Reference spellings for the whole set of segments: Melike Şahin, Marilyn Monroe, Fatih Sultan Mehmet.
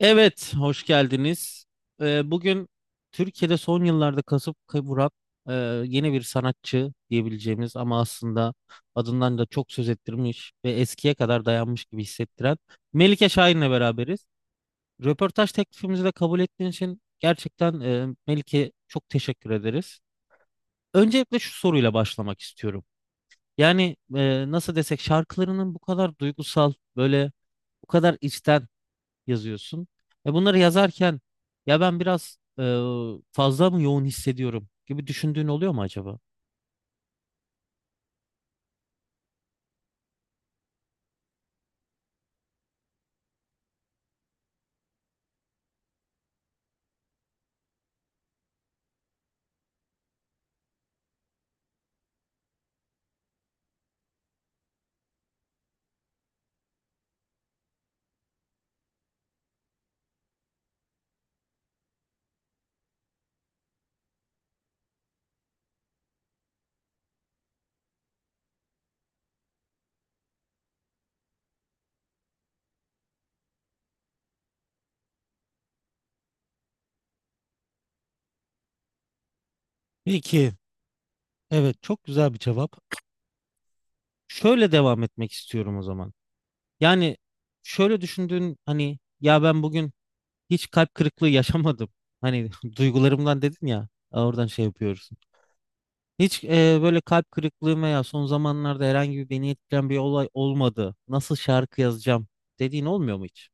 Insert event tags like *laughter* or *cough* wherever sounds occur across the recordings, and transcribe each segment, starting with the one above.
Evet, hoş geldiniz. Bugün Türkiye'de son yıllarda kasıp kavuran e, yeni bir sanatçı diyebileceğimiz ama aslında adından da çok söz ettirmiş ve eskiye kadar dayanmış gibi hissettiren Melike Şahin'le beraberiz. Röportaj teklifimizi de kabul ettiğin için gerçekten Melike, çok teşekkür ederiz. Öncelikle şu soruyla başlamak istiyorum. Yani nasıl desek, şarkılarının bu kadar duygusal, böyle bu kadar içten yazıyorsun. E bunları yazarken ya ben biraz fazla mı yoğun hissediyorum gibi düşündüğün oluyor mu acaba? Peki, evet, çok güzel bir cevap. Şöyle devam etmek istiyorum o zaman. Yani şöyle düşündüğün, hani ya ben bugün hiç kalp kırıklığı yaşamadım. Hani *laughs* duygularımdan dedin ya, oradan şey yapıyoruz. Hiç böyle kalp kırıklığım veya son zamanlarda herhangi bir beni etkileyen bir olay olmadı. Nasıl şarkı yazacağım dediğin olmuyor mu hiç?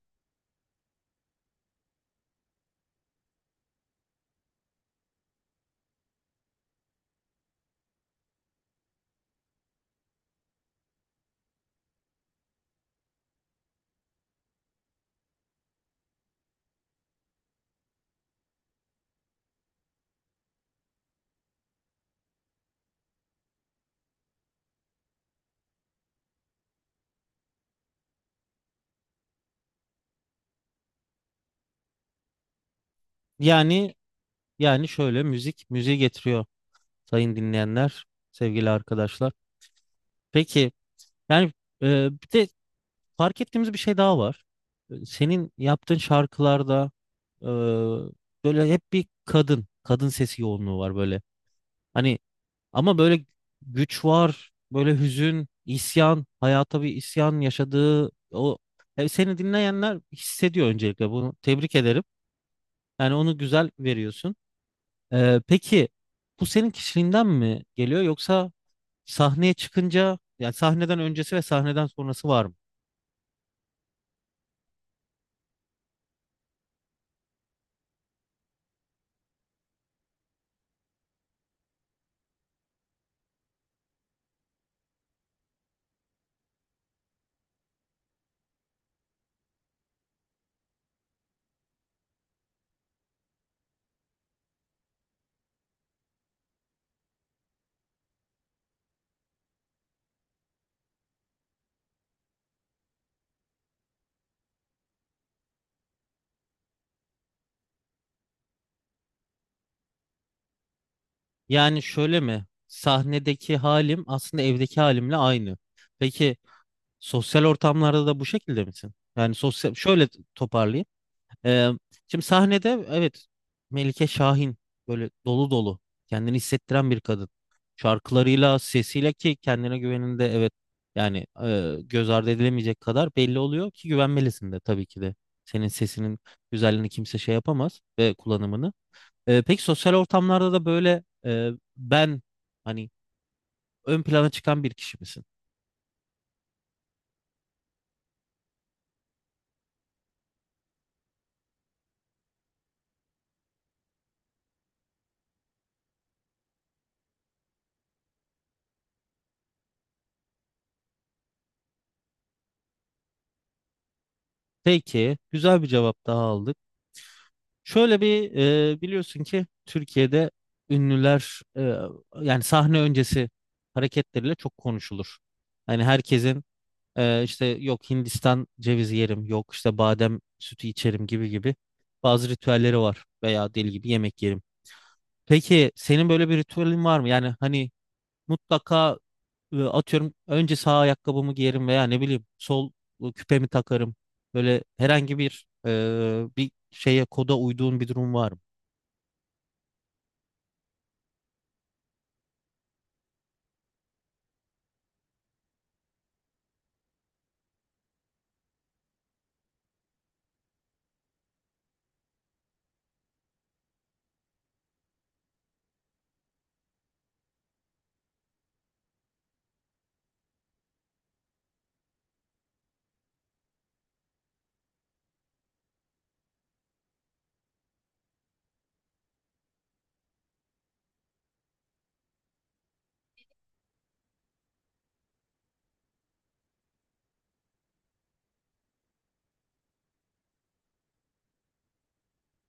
Yani Yani şöyle, müzik müziği getiriyor sayın dinleyenler, sevgili arkadaşlar. Peki, yani bir de fark ettiğimiz bir şey daha var. Senin yaptığın şarkılarda e, böyle hep bir kadın, kadın sesi yoğunluğu var böyle. Hani, ama böyle güç var, böyle hüzün, isyan, hayata bir isyan yaşadığı o seni dinleyenler hissediyor. Öncelikle bunu tebrik ederim. Yani onu güzel veriyorsun. Peki, bu senin kişiliğinden mi geliyor yoksa sahneye çıkınca, yani sahneden öncesi ve sahneden sonrası var mı? Yani şöyle mi? Sahnedeki halim aslında evdeki halimle aynı. Peki sosyal ortamlarda da bu şekilde misin? Yani sosyal, şöyle toparlayayım. Ee, Şimdi sahnede, evet, Melike Şahin böyle dolu dolu kendini hissettiren bir kadın. Şarkılarıyla, sesiyle ki kendine güveninde evet, yani göz ardı edilemeyecek kadar belli oluyor ki güvenmelisin de tabii ki de. Senin sesinin güzelliğini kimse şey yapamaz, ve kullanımını. Peki sosyal ortamlarda da böyle ben, hani, ön plana çıkan bir kişi misin? Peki, güzel bir cevap daha aldık. Şöyle bir biliyorsun ki Türkiye'de ünlüler yani sahne öncesi hareketleriyle çok konuşulur. Hani herkesin işte yok Hindistan cevizi yerim, yok işte badem sütü içerim gibi gibi bazı ritüelleri var veya deli gibi yemek yerim. Peki senin böyle bir ritüelin var mı? Yani hani mutlaka atıyorum önce sağ ayakkabımı giyerim veya ne bileyim sol küpemi takarım. Böyle herhangi bir bir şeye koda uyduğun bir durum var mı?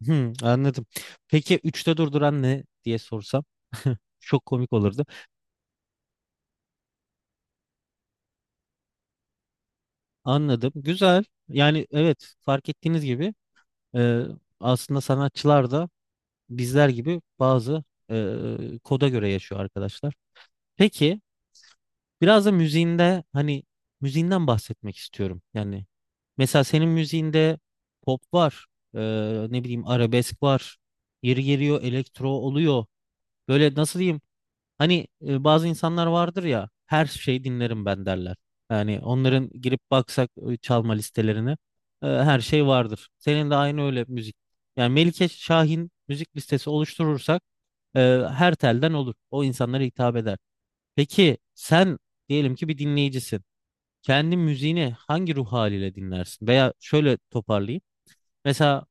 Hmm, anladım. Peki üçte durduran ne diye sorsam *laughs* çok komik olurdu. Anladım. Güzel. Yani evet, fark ettiğiniz gibi e, aslında sanatçılar da bizler gibi bazı koda göre yaşıyor arkadaşlar. Peki, biraz da müziğinde, hani müziğinden bahsetmek istiyorum. Yani mesela senin müziğinde pop var, e, ne bileyim arabesk var, yeri geliyor elektro oluyor. Böyle nasıl diyeyim? Hani bazı insanlar vardır ya, her şeyi dinlerim ben derler. Yani onların girip baksak çalma listelerine her şey vardır. Senin de aynı öyle müzik. Yani Melike Şahin müzik listesi oluşturursak e, her telden olur. O insanlara hitap eder. Peki sen, diyelim ki bir dinleyicisin. Kendi müziğini hangi ruh haliyle dinlersin? Veya şöyle toparlayayım. Mesela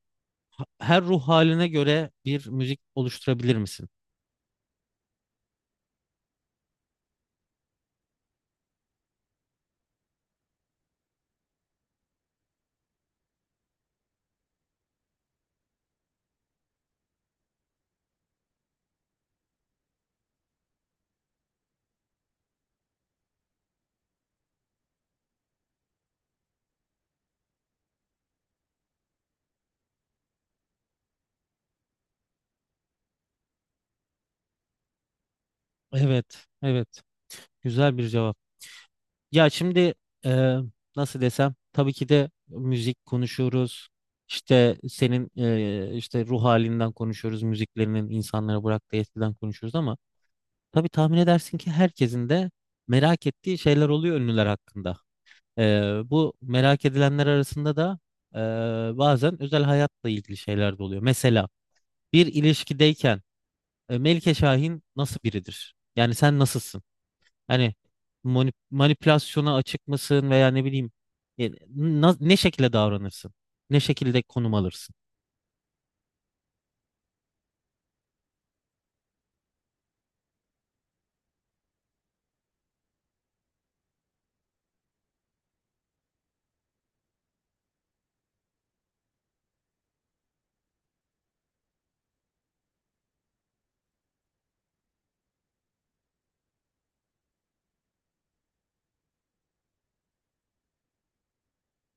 her ruh haline göre bir müzik oluşturabilir misin? Evet, evet. Güzel bir cevap. Ya şimdi e, nasıl desem, tabii ki de müzik konuşuyoruz. İşte senin işte ruh halinden konuşuyoruz. Müziklerinin insanlara bıraktığı etkiden konuşuyoruz ama tabii tahmin edersin ki herkesin de merak ettiği şeyler oluyor ünlüler hakkında. E, Bu merak edilenler arasında da bazen özel hayatla ilgili şeyler de oluyor. Mesela bir ilişkideyken Melike Şahin nasıl biridir? Yani sen nasılsın? Hani manipülasyona açık mısın veya ne bileyim ne şekilde davranırsın? Ne şekilde konum alırsın?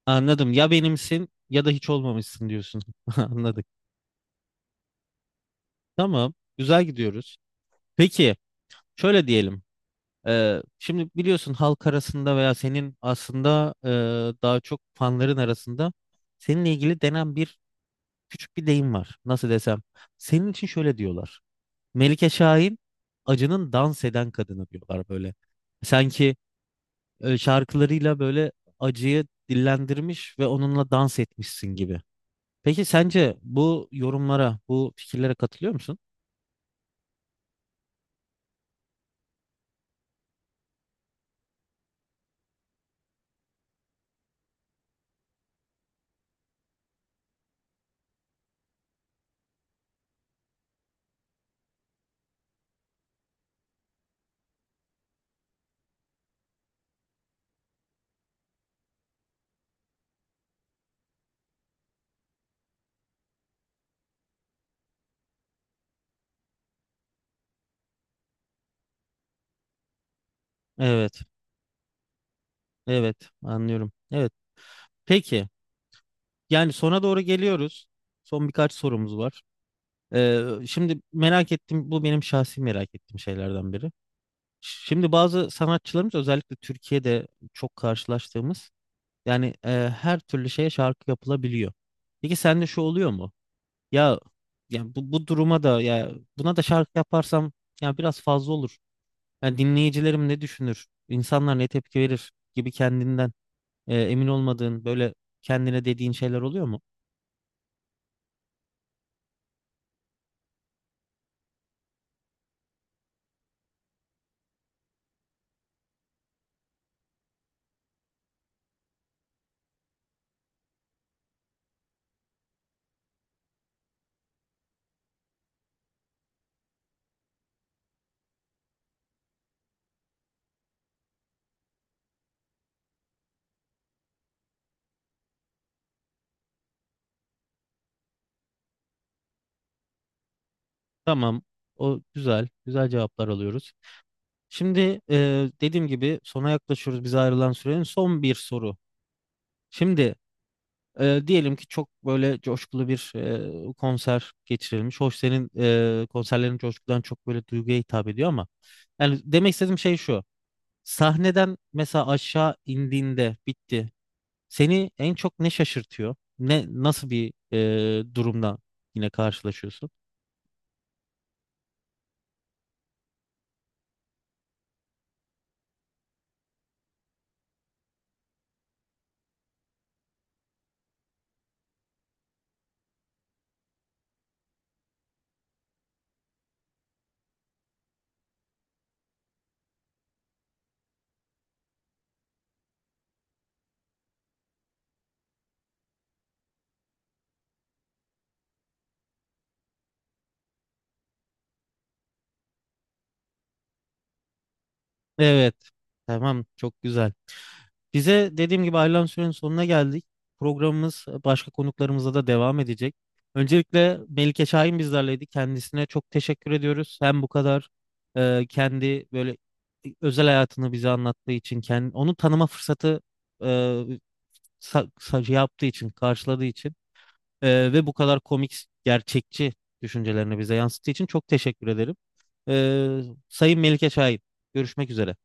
Anladım. Ya benimsin ya da hiç olmamışsın diyorsun. *laughs* Anladık. Tamam. Güzel gidiyoruz. Peki, şöyle diyelim. Şimdi biliyorsun, halk arasında veya senin aslında daha çok fanların arasında seninle ilgili denen bir, küçük bir deyim var. Nasıl desem? Senin için şöyle diyorlar. Melike Şahin acının dans eden kadını diyorlar böyle. Sanki şarkılarıyla böyle acıyı dillendirmiş ve onunla dans etmişsin gibi. Peki sence bu yorumlara, bu fikirlere katılıyor musun? Evet, evet, anlıyorum. Evet. Peki, yani sona doğru geliyoruz. Son birkaç sorumuz var. Şimdi merak ettim, bu benim şahsi merak ettiğim şeylerden biri. Şimdi bazı sanatçılarımız, özellikle Türkiye'de çok karşılaştığımız, yani her türlü şeye şarkı yapılabiliyor. Peki sende şu oluyor mu? Ya ya bu, bu duruma da, ya buna da şarkı yaparsam ya biraz fazla olur. Yani dinleyicilerim ne düşünür? İnsanlar ne tepki verir gibi kendinden emin olmadığın, böyle kendine dediğin şeyler oluyor mu? Tamam. O güzel. Güzel cevaplar alıyoruz. Şimdi dediğim gibi sona yaklaşıyoruz. Biz ayrılan sürenin son bir soru. Şimdi diyelim ki çok böyle coşkulu bir konser geçirilmiş. Hoş, senin konserlerin coşkudan çok böyle duyguya hitap ediyor, ama yani demek istediğim şey şu. Sahneden mesela aşağı indiğinde, bitti. Seni en çok ne şaşırtıyor? Ne, nasıl bir durumla yine karşılaşıyorsun? Evet. Tamam, çok güzel. Bize dediğim gibi ayrılan sürenin sonuna geldik. Programımız başka konuklarımızla da devam edecek. Öncelikle Melike Şahin bizlerleydi. Kendisine çok teşekkür ediyoruz. Hem bu kadar kendi böyle özel hayatını bize anlattığı için, kendi, onu tanıma fırsatı e, şey yaptığı için, karşıladığı için, ve bu kadar komik, gerçekçi düşüncelerini bize yansıttığı için çok teşekkür ederim. E, Sayın Melike Şahin, görüşmek üzere.